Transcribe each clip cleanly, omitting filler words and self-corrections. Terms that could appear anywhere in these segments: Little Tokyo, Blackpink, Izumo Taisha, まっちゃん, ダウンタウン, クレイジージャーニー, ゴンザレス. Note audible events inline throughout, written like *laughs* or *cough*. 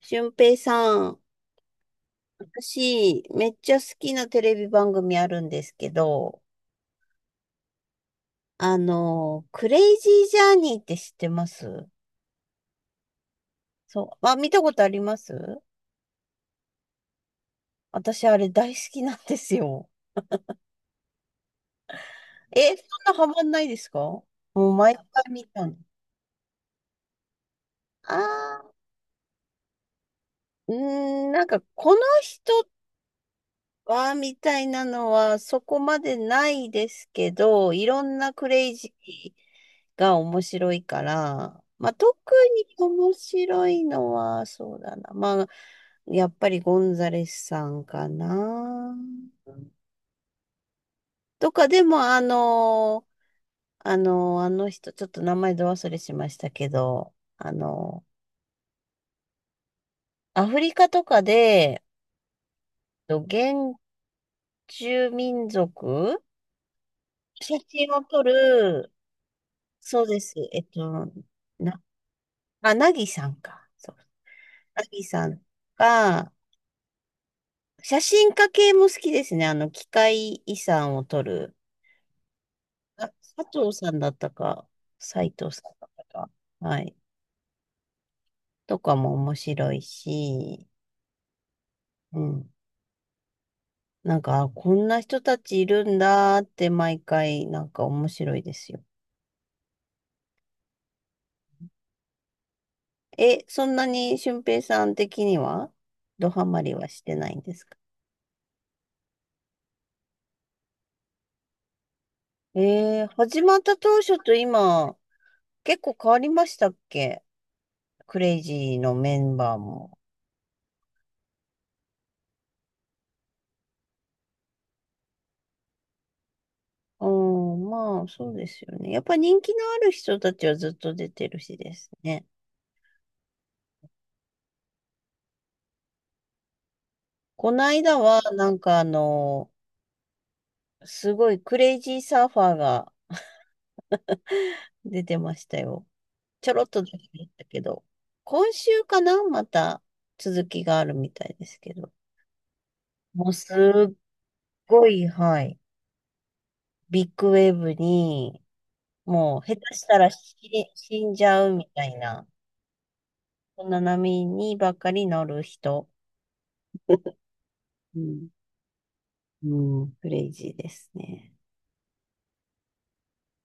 俊平さん、私、めっちゃ好きなテレビ番組あるんですけど、クレイジージャーニーって知ってます？そう。あ、見たことあります？私、あれ大好きなんですよ。え、そんなハマんないですか？もう毎回見たの。あうーん、なんか、この人っわーみたいなのはそこまでないですけど、いろんなクレイジーが面白いから、まあ、特に面白いのは、そうだな。まあ、やっぱりゴンザレスさんかな。とか、でも、あの人、ちょっと名前ど忘れしましたけど、アフリカとかで、と原住民族、写真を撮る、そうです。な、あ、なぎさんか。そう。なぎさんが、写真家系も好きですね。機械遺産を撮る。あ、佐藤さんだったか、斉藤さんだったか。はい。とかも面白いし、うん。なんか、あこんな人たちいるんだって毎回、なんか面白いですよ。え、そんなに俊平さん的には、ドハマりはしてないんですか？始まった当初と今、結構変わりましたっけ？クレイジーのメンバーも。うん、まあ、そうですよね。やっぱ人気のある人たちはずっと出てるしですね。この間は、なんかすごいクレイジーサーファーが出てましたよ。ちょろっと出てましたけど。今週かなまた続きがあるみたいですけど。もうすっごい、はい。ビッグウェーブに、もう下手したら死んじゃうみたいな。こんな波にばっかり乗る人。うん。うん、クレイジーですね。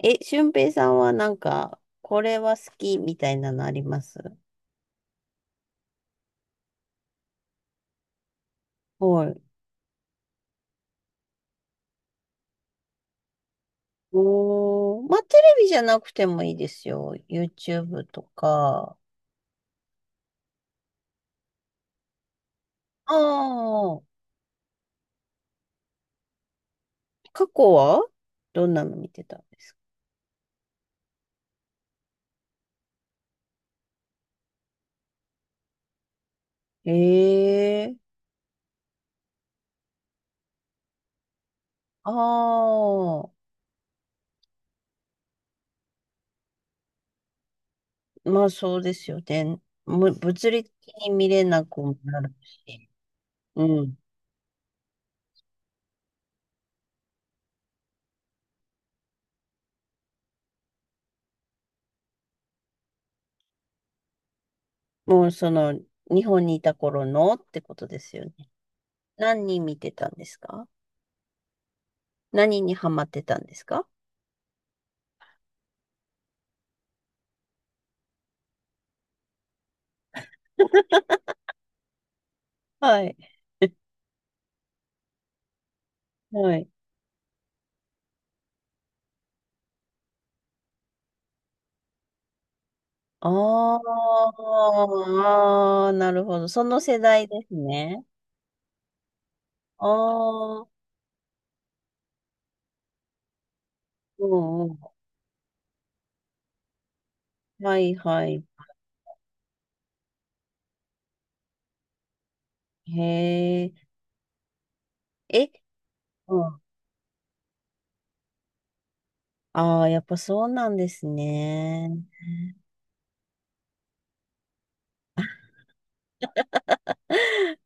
え、俊平さんはなんか、これは好きみたいなのあります？はい。おー、まあ、テレビじゃなくてもいいですよ。YouTube とか。ああ、過去はどんなの見てたんですか？ええ。ああー、まあそうですよね。物理的に見れなくもなるし。うん。もうその、日本にいた頃のってことですよね。何人見てたんですか？何にハマってたんですか？はい。*laughs* はい。あーなるほど。その世代ですね。ああ、うんうん。はいはい。へえ。え、うん。ああ、やっぱそうなんですね。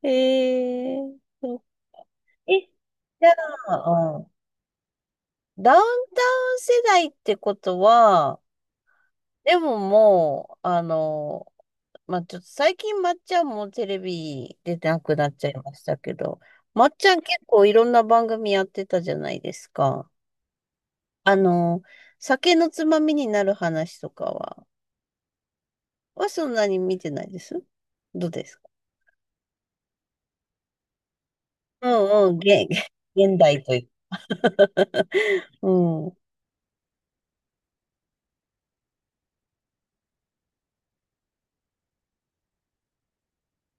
へえ。そう。え、じゃあ、うん。ダウンタウン世代ってことは、でももう、まあ、ちょっと最近まっちゃんもテレビ出てなくなっちゃいましたけど、まっちゃん結構いろんな番組やってたじゃないですか。あの、酒のつまみになる話とかは、はそんなに見てないです。どうですか？うんうん、*laughs* 現代という。うん。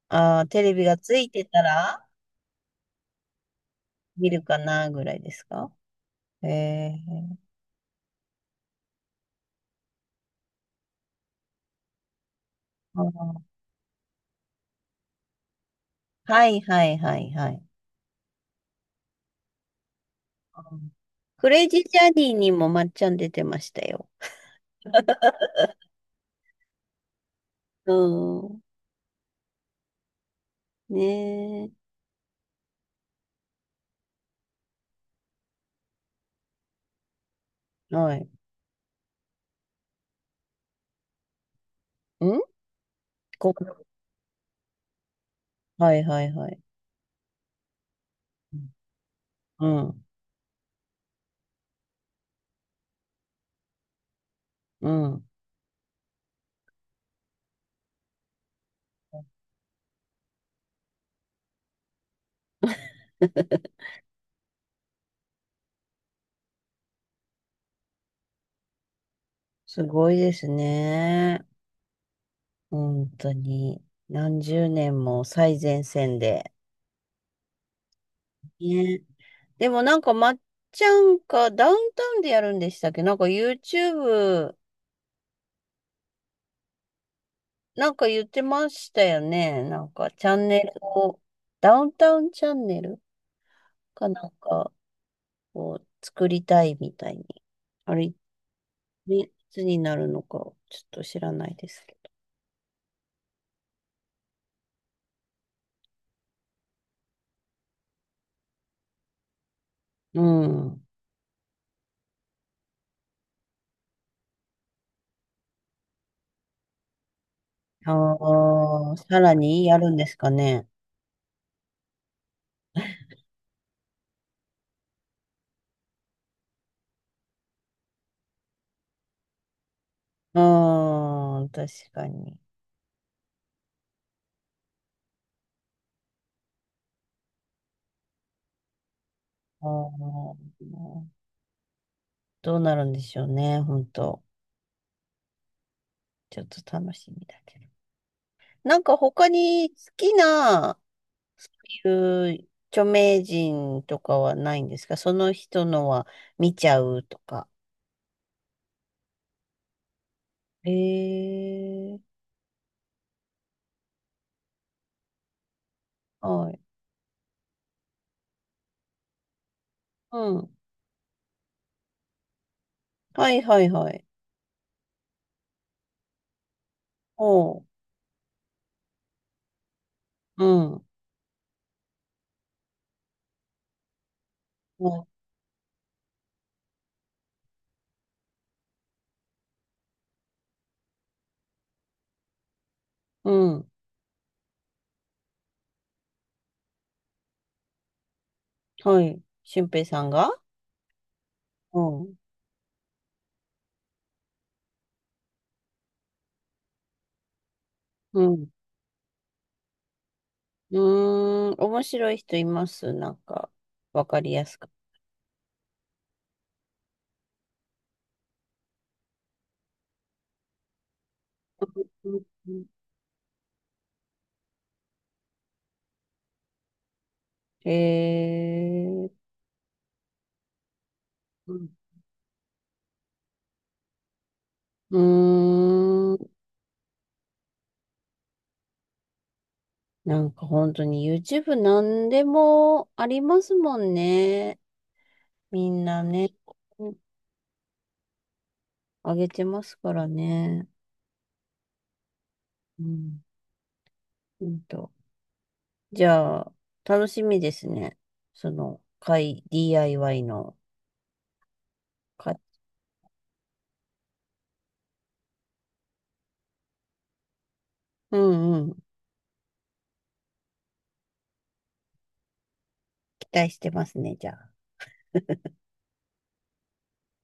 ああ、テレビがついてたら見るかなぐらいですか？ええー。あー。はいはいはいはい。クレイジージャーニーにもまっちゃん出てましたよ。うん。ねえ。はい。んこ、はいはいはい。うん。うん。すごいですね。本当に。何十年も最前線で。ね。でもなんかまっちゃんかダウンタウンでやるんでしたっけ？なんか YouTube。 なんか言ってましたよね。なんかチャンネルを、ダウンタウンチャンネルかなんか。こう作りたいみたいに。あれ、ね、いつになるのか、ちょっと知らないですけど。うん。ああ、さらにやるんですかね？うーん、確かに。あーどうなるんでしょうね、本当。ちょっと楽しみだけど。なんか他に好きな、そういう著名人とかはないんですか？その人のは見ちゃうとか。ええ。はい。うん。はいはいはい。おう、うん、おう、うん、はい。俊平さんが。おう、うん。うーん、面白い人います？なんか、わかりやすく。うん。へー。うん。うーん。なんか本当に YouTube なんでもありますもんね。みんなね、うん、上げてますからね。うん、うんと。じゃあ、楽しみですね。その、DIY のか。うんうん。期待してますね、じゃあ。